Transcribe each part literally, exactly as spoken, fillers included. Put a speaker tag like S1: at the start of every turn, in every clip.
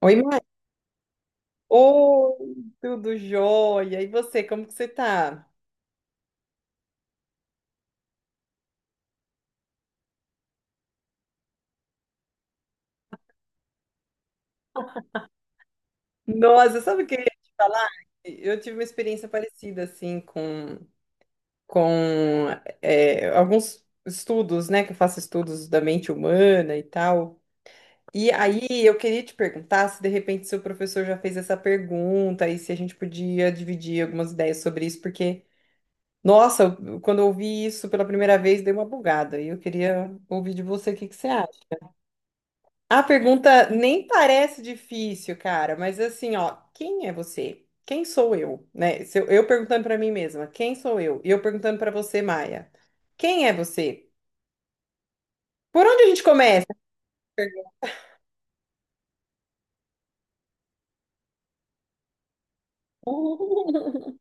S1: Oi, Mai. Oi, tudo jóia. E você, como que você tá? Nossa, sabe o que eu ia te falar? Eu tive uma experiência parecida, assim, com, com é, alguns estudos, né? Que eu faço estudos da mente humana e tal. E aí eu queria te perguntar se de repente seu professor já fez essa pergunta e se a gente podia dividir algumas ideias sobre isso, porque, nossa, eu- quando eu ouvi isso pela primeira vez, dei uma bugada. E eu queria ouvir de você o que que você acha. A pergunta nem parece difícil, cara, mas assim, ó, quem é você? Quem sou eu, né? Se eu, eu perguntando pra mim mesma, quem sou eu? E eu perguntando pra você, Maia, quem é você? Por onde a gente começa?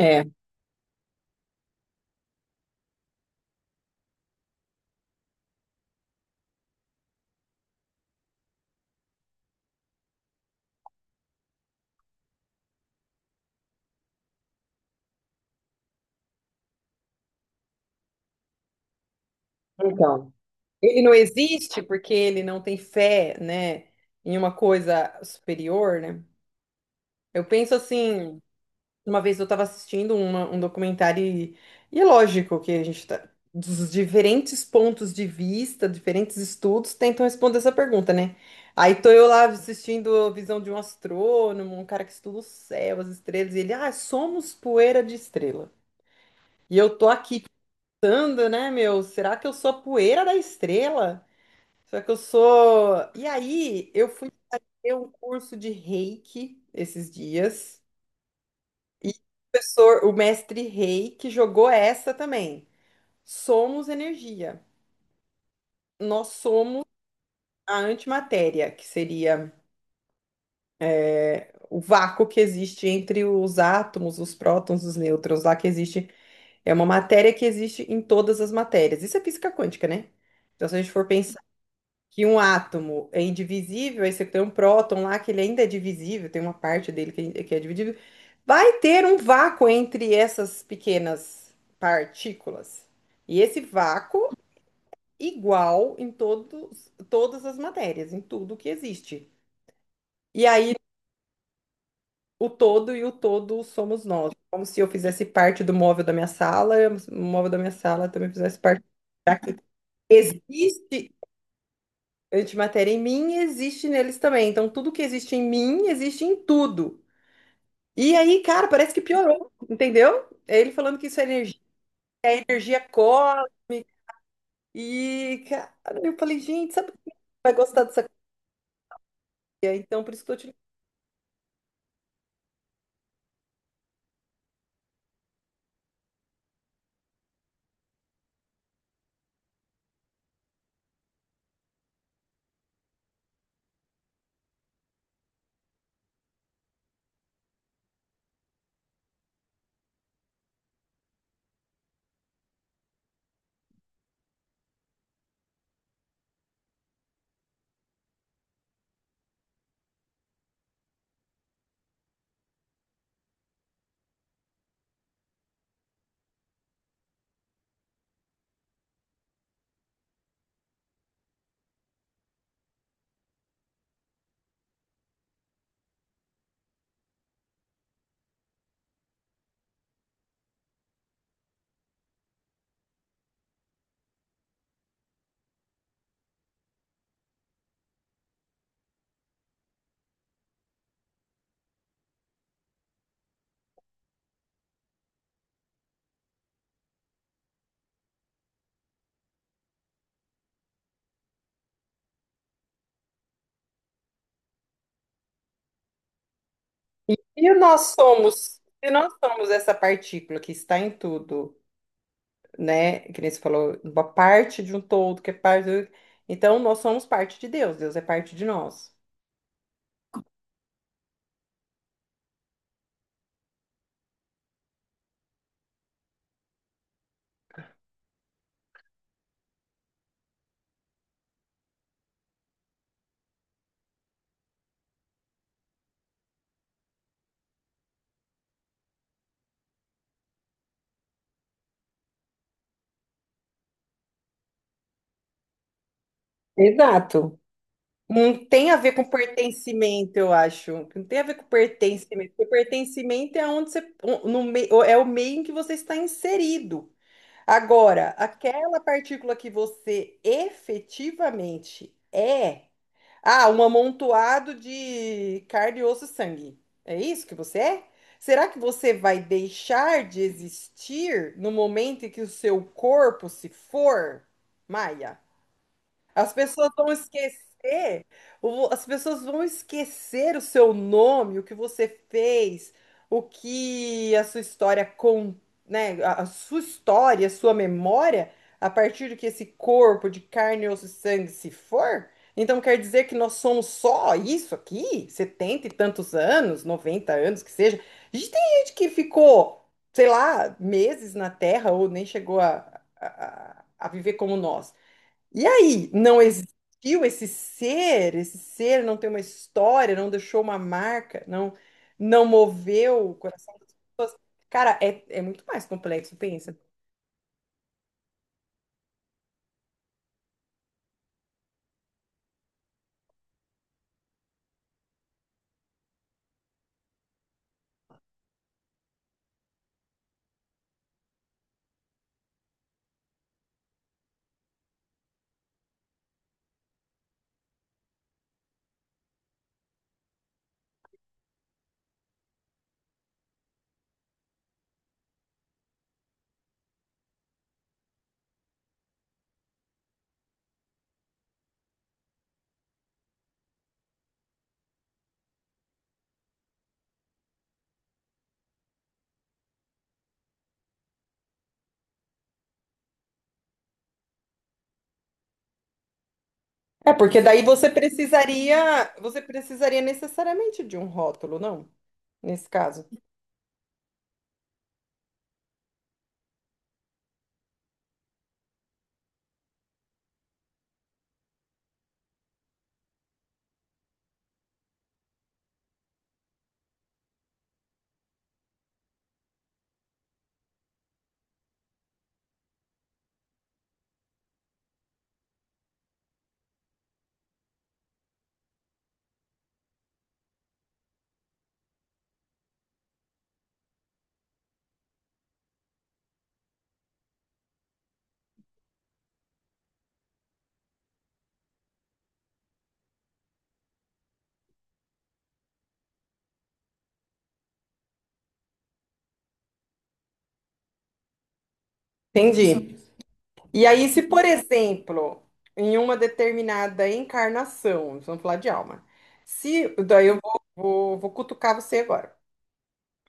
S1: É, então, ele não existe porque ele não tem fé, né, em uma coisa superior, né? Eu penso assim. Uma vez eu estava assistindo uma- um documentário, e, e é lógico que a gente está dos diferentes pontos de vista, diferentes estudos tentam responder essa pergunta, né? Aí tô eu lá assistindo a visão de um astrônomo, um cara que estuda o céu, as estrelas, e ele: "Ah, somos poeira de estrela." E eu tô aqui pensando, né, meu, será que eu sou a poeira da estrela? Será que eu sou. E aí eu fui ter um curso de Reiki esses dias. E o professor, o mestre Rei, que jogou essa também. Somos energia. Nós somos a antimatéria, que seria o vácuo que existe entre os átomos, os prótons, os nêutrons, lá que existe. É uma matéria que existe em todas as matérias. Isso é física quântica, né? Então, se a gente for que um átomo é indivisível, aí você tem um próton lá que ele ainda é divisível, tem uma parte dele que é que é dividível, vai ter um vácuo entre essas pequenas partículas. E esse vácuo igual em todos, todas as matérias, em tudo que existe. E aí o todo e o todo somos nós. Como se eu fizesse parte do móvel da minha sala, e o móvel da minha sala também fizesse parte. Existe antimatéria em mim, existe neles também. Então, tudo que existe em mim existe em tudo. E aí, cara, parece que piorou, entendeu? É Ele falando que isso é energia, é energia cósmica. E, cara, eu falei, gente, sabe quem vai gostar dessa coisa? Então, por isso que eu tô te ligando. E nós somos, se nós somos essa partícula que está em tudo, né? Que nem você falou, uma parte de um todo, que é parte do... Então, nós somos parte de Deus, Deus é parte de nós. Exato. Não tem a ver com pertencimento, eu acho. Não tem a ver com pertencimento. Porque pertencimento é onde você, no meio, é o meio em que você está inserido. Agora, aquela partícula que você efetivamente é, ah, um amontoado de carne, osso e sangue. É isso que você é? Será que você vai deixar de existir no momento em que o seu corpo se for, Maia? As pessoas vão esquecer o- as pessoas vão esquecer o seu nome, o que você fez, o que a sua história com, né, a a sua história, a sua memória, a partir do que esse corpo de carne, osso e sangue se for. Então quer dizer que nós somos só isso aqui? Setenta e tantos anos, noventa anos que seja. A gente tem gente que ficou, sei lá, meses na Terra ou nem chegou a, a, a a viver como nós. E aí, não existiu esse ser, esse ser não tem uma história, não deixou uma marca, não não moveu o coração das pessoas. Cara, é, é muito mais complexo, pensa. É, porque daí você precisaria, você precisaria necessariamente de um rótulo, não? Nesse caso. Entendi. E aí, se, por exemplo, em uma determinada encarnação, vamos falar de alma, se, daí eu vou, vou, vou cutucar você agora.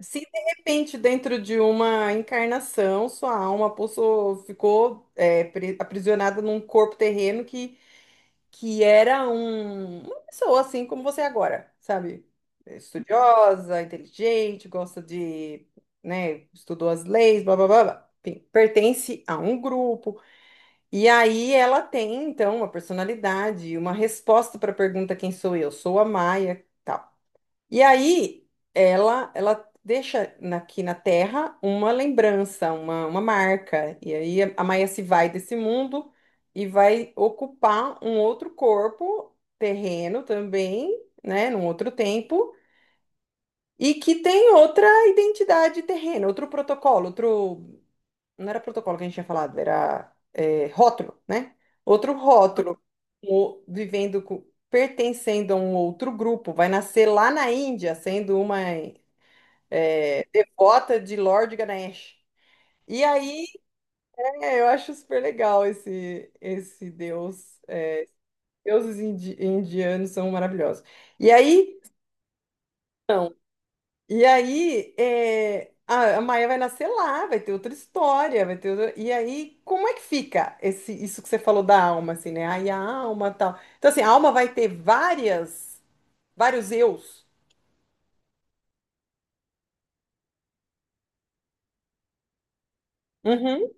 S1: Se de repente, dentro de uma encarnação, sua alma possou, ficou é, pre- aprisionada num corpo terreno que, que era um, uma pessoa assim como você é agora, sabe? É estudiosa, inteligente, gosta de, né, estudou as leis, blá blá blá, blá. Enfim, pertence a um grupo. E aí ela tem, então, uma personalidade, uma resposta para a pergunta: quem sou eu? Sou a Maia. Tal. E aí ela ela deixa na- aqui na Terra uma lembrança, uma, uma marca. E aí a a Maia se vai desse mundo e vai ocupar um outro corpo terreno também, né, num outro tempo, e que tem outra identidade terrena, outro protocolo, outro não era protocolo que a gente tinha falado, era é, rótulo, né? Outro rótulo, o- vivendo com pertencendo a um outro grupo, vai nascer lá na Índia, sendo uma é, devota de Lord Ganesh. E aí, é, eu acho super legal esse, esse deus. É, deuses indi- indianos são maravilhosos. E aí, são. E aí, é, a, a Maia vai nascer lá, vai ter outra história, vai ter outra- E aí, como é que fica esse, isso que você falou da alma, assim, né? Aí a alma tal. Então, assim, a alma vai ter várias, vários eus. Uhum,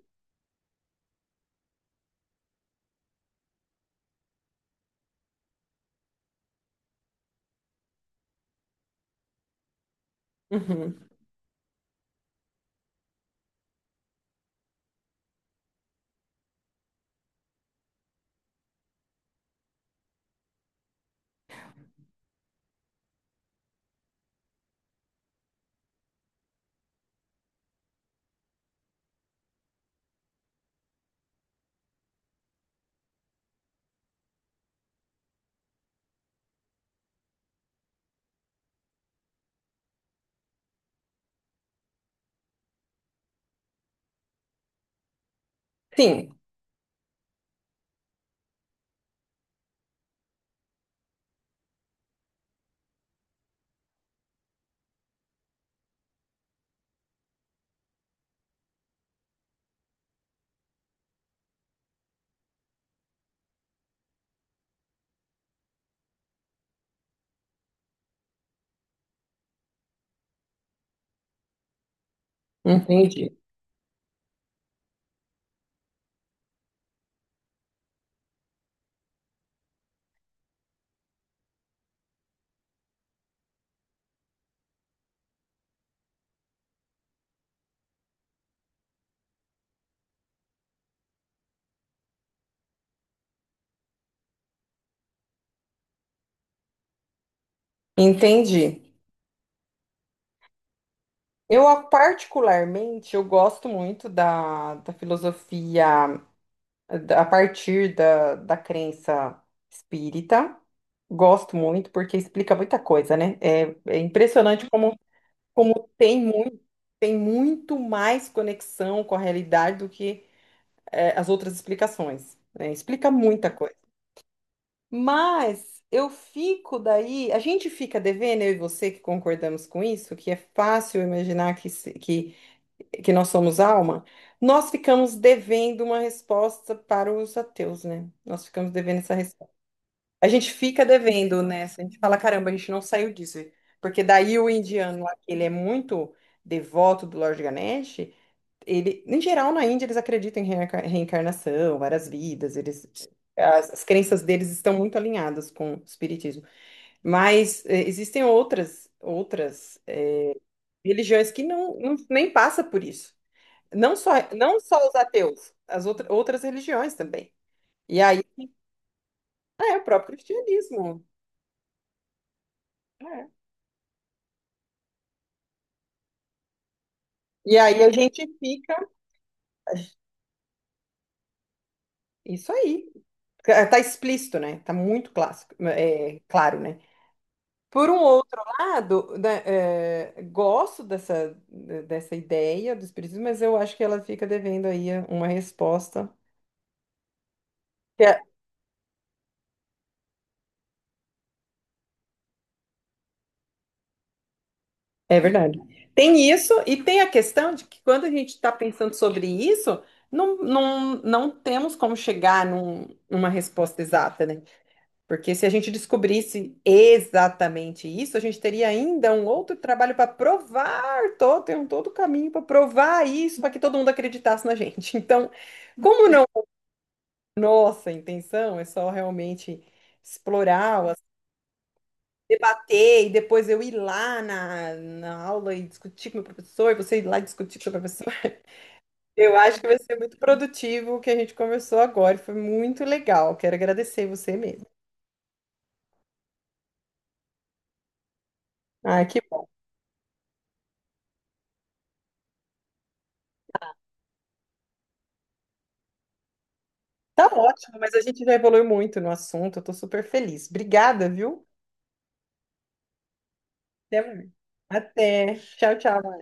S1: uhum. Sim, entendi. Entendi. Eu, ah, particularmente, eu gosto muito da, da filosofia da- a partir da, da crença espírita. Gosto muito, porque explica muita coisa, né? É, é impressionante como, como tem muito, tem muito mais conexão com a realidade do que é, as outras explicações. Né? Explica muita coisa. Mas eu fico daí, a gente fica devendo, eu e você que concordamos com isso, que é fácil imaginar que, se- que que nós somos alma, nós ficamos devendo uma resposta para os ateus, né? Nós ficamos devendo essa resposta. A gente fica devendo nessa, a gente fala, caramba, a gente não saiu disso. Porque daí o indiano lá, que ele é muito devoto do Lord Ganesh, ele, em geral, na Índia, eles acreditam em reenca- reencarnação, várias vidas, eles. As, as crenças deles estão muito alinhadas com o espiritismo, mas eh, existem outras outras eh, religiões que não, não nem passa por isso. Não só, não só os ateus, as outra, outras religiões também. E aí, é, o próprio cristianismo. É. E aí a gente fica, isso aí, tá tá explícito, né? Tá muito clássico, é, claro, né? Por um outro lado, né, é, gosto dessa, dessa ideia do espiritismo, mas eu acho que ela fica devendo aí uma resposta. É verdade. Tem isso, e tem a questão de que quando a gente está pensando sobre isso, não, não, não temos como chegar num- numa resposta exata, né? Porque se a gente descobrisse exatamente isso, a gente teria ainda um outro trabalho para provar todo, tem um todo caminho para provar isso, para que todo mundo acreditasse na gente. Então, como não é nossa intenção, é só realmente explorar o debater e depois eu ir lá na, na aula e discutir com o meu professor, e você ir lá discutir com o seu professor. Eu acho que vai ser muito produtivo o que a gente conversou agora, e foi muito legal. Quero agradecer você mesmo. Ah, que bom. Tá ótimo, mas a gente já evoluiu muito no assunto, eu tô super feliz. Obrigada, viu? Até mais. Até. Tchau, tchau.